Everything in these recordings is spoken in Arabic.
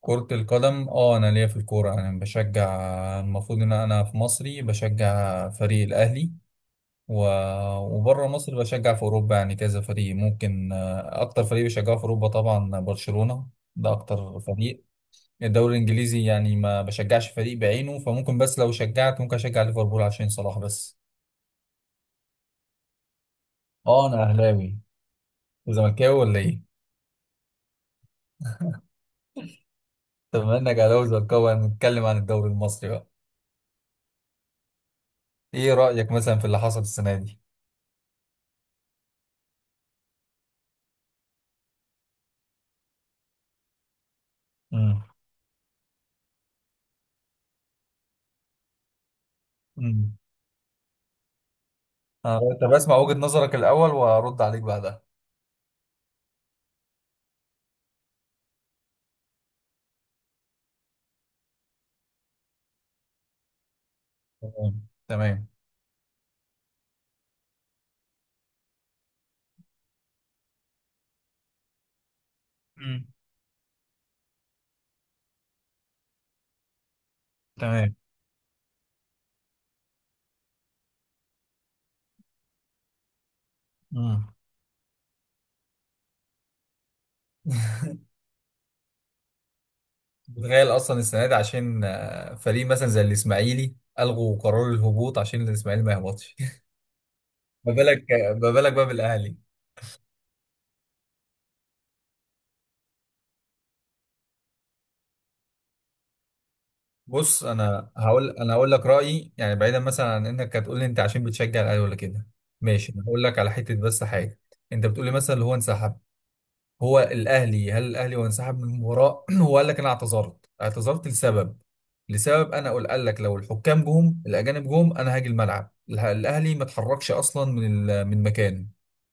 كرة القدم، انا ليا في الكورة. انا بشجع المفروض ان انا في مصري بشجع فريق الاهلي، و... وبره مصر بشجع في اوروبا، يعني كذا فريق ممكن، اكتر فريق بشجعه في اوروبا طبعا برشلونة. ده اكتر فريق. الدوري الانجليزي يعني ما بشجعش فريق بعينه، فممكن بس لو شجعت ممكن اشجع ليفربول عشان صلاح بس. اه، انا اهلاوي. وزملكاوي ولا ايه؟ طب بما انك اهلاوي وزملكاوي هنتكلم عن الدوري المصري بقى. ايه رأيك مثلا في اللي حصل السنة دي؟ امم. اه، طب اسمع وجهة نظرك الأول وأرد عليك بعدها. تمام. تمام. مم. تمام. مم. تخيل أصلا السنة دي عشان فريق مثلا زي الإسماعيلي ألغوا قرار الهبوط عشان الإسماعيلي ما يهبطش. ما بالك ما بالك بقى بالأهلي. بص، أنا هقول لك رأيي، يعني بعيدا مثلا عن إنك هتقول لي أنت عشان بتشجع الأهلي ولا كده. ماشي، أنا هقول لك على حتة بس حاجة. أنت بتقول لي مثلا اللي هو انسحب. هو الاهلي هل الاهلي هو انسحب من المباراه؟ هو قال لك انا اعتذرت، لسبب. لسبب، انا قال لك لو الحكام جم، الاجانب جم، انا هاجي الملعب. الاهلي ما اتحركش اصلا من مكانه.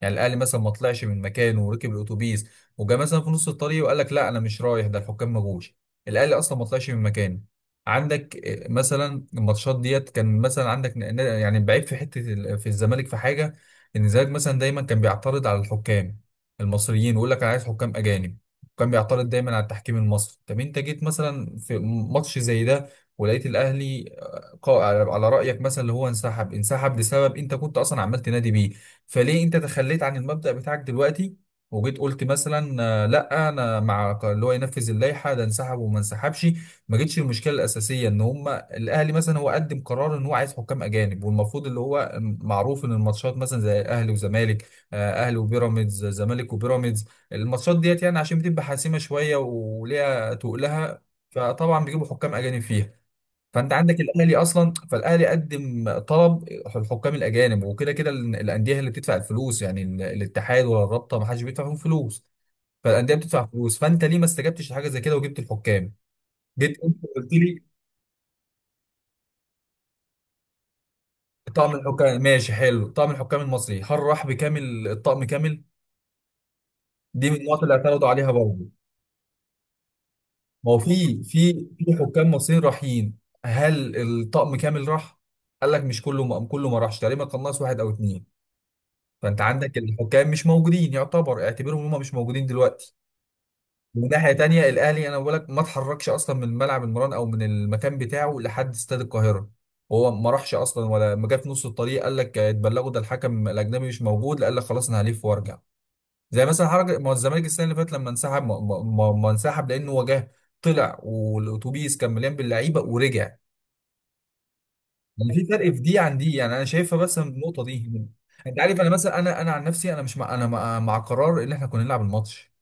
يعني الاهلي مثلا ما طلعش من مكانه وركب الاتوبيس وجا مثلا في نص الطريق وقال لك لا انا مش رايح، ده الحكام ما جوش. الاهلي اصلا ما طلعش من مكانه. عندك مثلا الماتشات ديت كان مثلا عندك يعني بعيب في حته، في الزمالك في حاجه. ان الزمالك مثلا دايما كان بيعترض على الحكام المصريين ويقول لك انا عايز حكام اجانب. كان بيعترض دايما على التحكيم المصري. طب انت جيت مثلا في ماتش زي ده ولقيت الاهلي، على رايك مثلا اللي هو انسحب، انسحب لسبب انت كنت اصلا عمال تنادي بيه. فليه انت تخليت عن المبدأ بتاعك دلوقتي وجيت قلت مثلا لا انا اللي هو ينفذ اللائحه، ده انسحب وما انسحبش. ما جتش المشكله الاساسيه ان هم الاهلي مثلا هو قدم قرار ان هو عايز حكام اجانب، والمفروض اللي هو معروف ان الماتشات مثلا زي الاهلي وزمالك، اهلي وبيراميدز، زمالك وبيراميدز. الماتشات ديت يعني عشان بتبقى حاسمه شويه وليها تقلها، فطبعا بيجيبوا حكام اجانب فيها. فانت عندك الاهلي اصلا، فالاهلي قدم طلب الحكام الاجانب، وكده كده الانديه هي اللي بتدفع الفلوس، يعني الاتحاد ولا الرابطه ما حدش بيدفع فيهم فلوس. فالانديه بتدفع فلوس، فانت ليه ما استجبتش لحاجه زي كده وجبت الحكام؟ جيت انت قلت لي طقم الحكام ماشي حلو، طقم الحكام المصري، هل راح بكامل الطقم كامل؟ دي من النقط اللي اعترضوا عليها برضه. ما هو في حكام مصريين رايحين، هل الطقم كامل راح؟ قال لك مش كله ما كله ما راحش، تقريبا كان ناقص واحد او اتنين. فانت عندك الحكام مش موجودين، اعتبرهم هم مش موجودين دلوقتي. من ناحيه تانيه الاهلي، انا بقول لك، ما اتحركش اصلا من ملعب المران او من المكان بتاعه لحد استاد القاهره. هو ما راحش اصلا، ولا ما جه في نص الطريق قال لك اتبلغوا ده الحكم الاجنبي مش موجود، لا قال لك خلاص انا هلف وارجع، زي مثلا حركه ما هو الزمالك السنه اللي فاتت لما انسحب. ما انسحب لانه وجاه، طلع والاتوبيس كان مليان باللعيبه ورجع. يعني في فرق في دي عن دي، يعني انا شايفها بس من النقطه دي. انت عارف، انا مثلا انا عن نفسي، انا مش مع، انا مع قرار ان احنا كنا نلعب الماتش.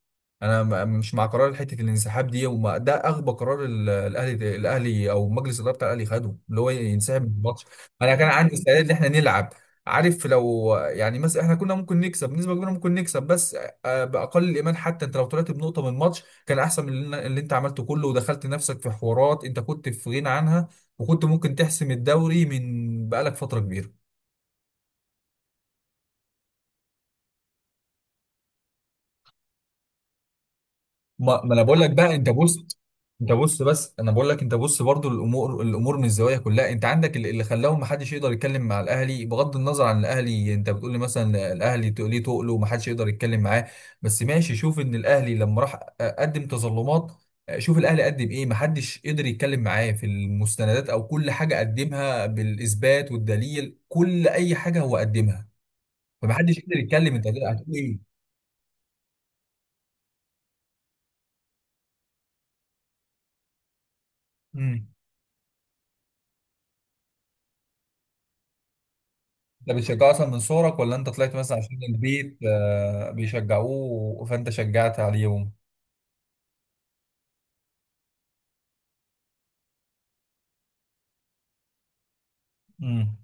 انا مش مع قرار حته الانسحاب دي، وما ده اغبى قرار، الاهلي او مجلس الاداره بتاع الاهلي خده، اللي هو ينسحب من الماتش. انا كان عندي استعداد ان احنا نلعب. عارف لو يعني مثلا احنا كنا ممكن نكسب بنسبه كبيره، ممكن نكسب بس باقل الايمان، حتى انت لو طلعت بنقطه من الماتش كان احسن من اللي انت عملته كله، ودخلت نفسك في حوارات انت كنت في غنى عنها، وكنت ممكن تحسم الدوري من بقالك فتره كبيره. ما, ما انا بقول لك بقى، انت بص، انت بص، بس انا بقول لك انت بص برضو، الامور من الزوايا كلها، انت عندك اللي خلاهم ما حدش يقدر يتكلم مع الاهلي. بغض النظر عن الاهلي، انت بتقول لي مثلا الاهلي ليه تقله وما حدش يقدر يتكلم معاه. بس ماشي، شوف ان الاهلي لما راح قدم تظلمات. شوف الاهلي قدم ايه، ما حدش قدر يتكلم معاه في المستندات او كل حاجه قدمها بالاثبات والدليل، كل اي حاجه هو قدمها. فما حدش قدر يتكلم، انت هتقول ايه؟ ده بيشجعوه اصلا من صغرك، ولا انت طلعت مثلا عشان البيت بيشجعوه فانت شجعت عليهم؟ امم.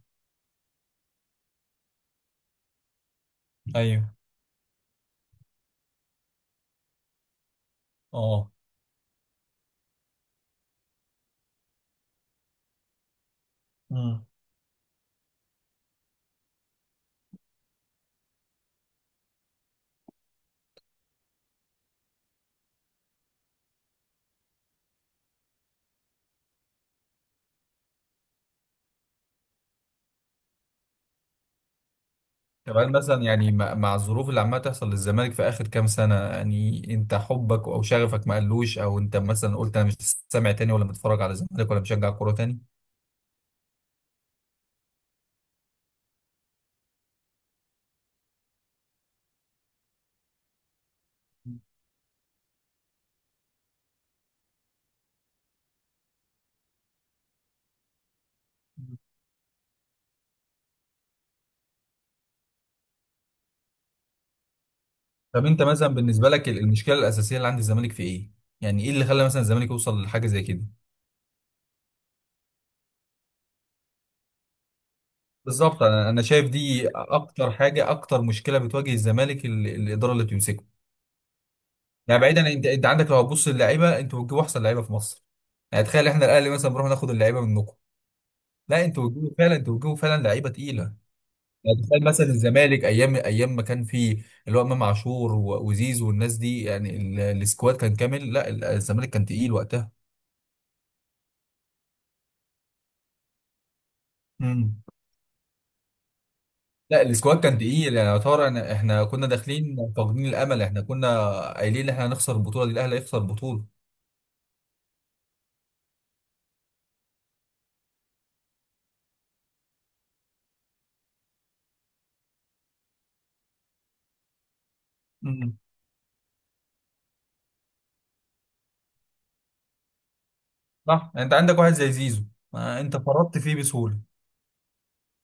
ايوه. اه. امم. كمان مثلا يعني مع الظروف اللي عماله تحصل للزمالك في اخر كام سنه، يعني انت حبك او شغفك ما قلوش، او انت مثلا قلت انا مش سامع تاني ولا متفرج على الزمالك ولا بشجع كوره تاني؟ طب انت مثلا بالنسبه لك، المشكله الاساسيه اللي عند الزمالك في ايه؟ يعني ايه اللي خلى مثلا الزمالك يوصل لحاجه زي كده؟ بالظبط، انا شايف دي اكتر حاجه، اكتر مشكله بتواجه الزمالك، الاداره اللي بتمسكه. يعني بعيدا، انت عندك لو هتبص للعيبه، انتوا بتجيبوا احسن لعيبه في مصر. يعني تخيل، احنا الاهلي مثلا بنروح ناخد اللعيبه منكم. لا، انتوا بتجيبوا فعلا، انتوا بتجيبوا فعلا لعيبه تقيله. يعني تخيل مثلا الزمالك ايام ايام ما كان فيه اللي هو امام عاشور وزيزو والناس دي، يعني السكواد كان كامل. لا، الزمالك كان تقيل وقتها. امم. لا، السكواد كان تقيل، يعني يعتبر احنا كنا داخلين فاقدين الامل، احنا كنا قايلين ان احنا هنخسر البطوله دي، الاهلي هيخسر البطوله. مم. صح، يعني انت عندك واحد زي زيزو، ما انت فرطت فيه بسهوله.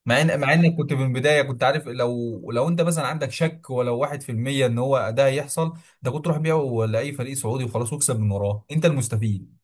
مع انك كنت من البدايه كنت عارف، لو انت مثلا عندك شك ولو 1%، ان هو ده هيحصل، ده كنت تروح بيعه لاي فريق سعودي وخلاص، واكسب من وراه انت المستفيد.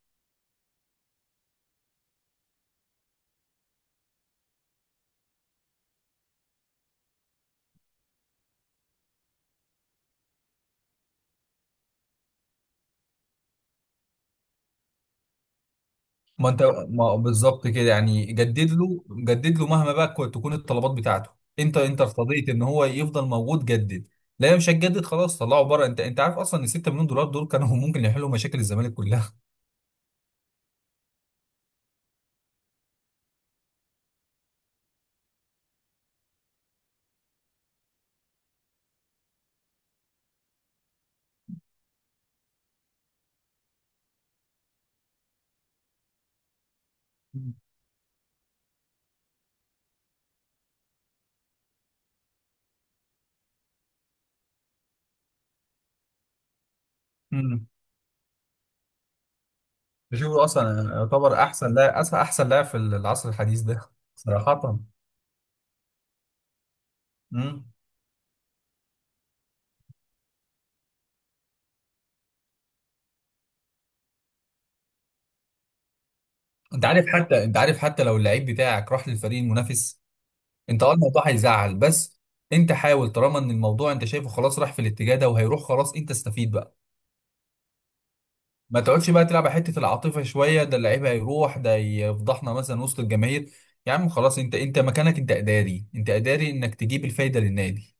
ما انت ما بالظبط كده، يعني جدد له، جدد له مهما بقى تكون الطلبات بتاعته. انت ارتضيت ان هو يفضل موجود، جدد. لا مش هتجدد، خلاص طلعه بره. انت عارف اصلا ان 6 مليون دولار دول كانوا ممكن يحلوا مشاكل الزمالك كلها. مم. جيرو اصلا يعتبر احسن لاعب، احسن لاعب في العصر الحديث ده. صراحه. امم. انت عارف حتى لو اللعيب بتاعك راح للفريق المنافس، انت الموضوع هيزعل، بس انت حاول. طالما ان الموضوع انت شايفه خلاص راح في الاتجاه ده وهيروح خلاص، انت استفيد بقى. ما تقعدش بقى تلعب على حته العاطفه شويه، ده اللعيب هيروح، ده يفضحنا مثلا وسط الجماهير. يا عم خلاص، انت مكانك، انت اداري، انت اداري انك تجيب الفايده للنادي.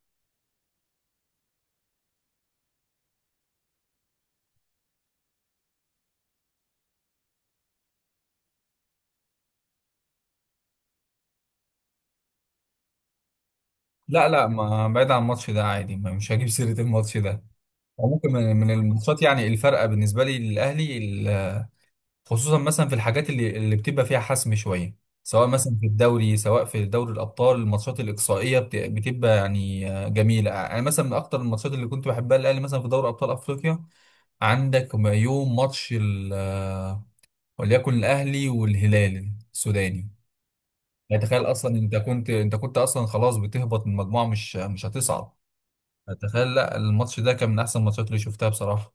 لا، لا، ما بعيد عن الماتش ده عادي، مش هجيب سيره الماتش ده. ممكن من الماتشات، يعني الفرقه بالنسبه لي للاهلي، خصوصا مثلا في الحاجات اللي بتبقى فيها حسم شويه، سواء مثلا في الدوري سواء في دوري الابطال، الماتشات الاقصائيه بتبقى يعني جميله. انا مثلا من اكتر الماتشات اللي كنت بحبها الاهلي مثلا في دوري ابطال افريقيا. عندك يوم ماتش وليكن الاهلي والهلال السوداني. يعني تخيل اصلا انت كنت اصلا خلاص بتهبط من مجموعه، مش هتصعد. يعني تخيل، لا الماتش ده كان من احسن الماتشات اللي شفتها بصراحه.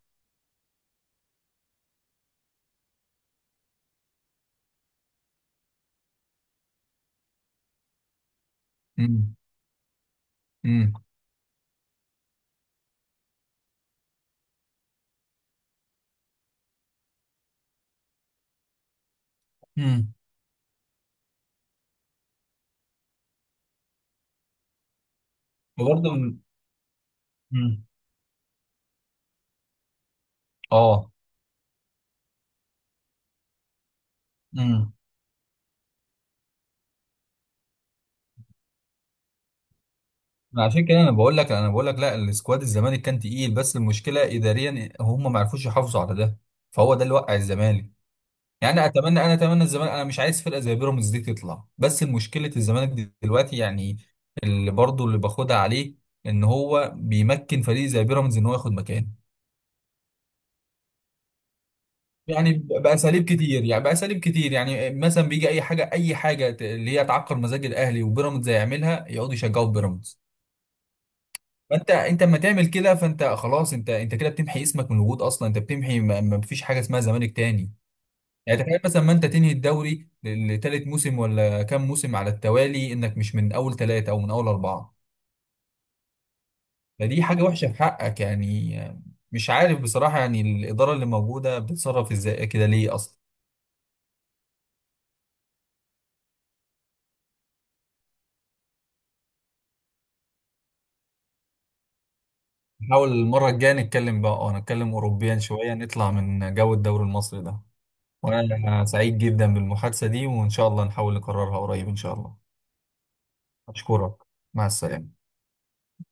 امم. امم. امم. وبرضه امم. اه. امم. عشان كده انا بقول لك، لا السكواد الزمالك كان تقيل، بس المشكله اداريا هم ما عرفوش يحافظوا على ده، فهو ده اللي وقع الزمالك. يعني انا اتمنى الزمالك، انا مش عايز فرقه زي بيراميدز دي تطلع، بس مشكله الزمالك دي دلوقتي يعني، اللي برضه اللي باخدها عليه، ان هو بيمكن فريق زي بيراميدز ان هو ياخد مكانه. يعني باساليب كتير، يعني مثلا بيجي اي حاجه، اللي هي تعكر مزاج الاهلي، وبيراميدز يعملها، يقعدوا يشجعوا بيراميدز. ما انت اما تعمل كده فانت خلاص، انت كده بتمحي اسمك من الوجود اصلا، انت بتمحي، ما فيش حاجه اسمها زمالك تاني. يعني تخيل مثلا ما انت تنهي الدوري لتالت موسم ولا كام موسم على التوالي، انك مش من اول ثلاثه او من اول اربعه. فدي حاجه وحشه في حقك يعني. مش عارف بصراحه، يعني الاداره اللي موجوده بتتصرف ازاي كده ليه اصلا. نحاول المره الجايه نتكلم بقى، نتكلم اوروبيا شويه، نطلع من جو الدوري المصري ده. وانا سعيد جدا بالمحادثه دي، وان شاء الله نحاول نكررها قريب ان شاء الله. أشكرك. مع السلامة.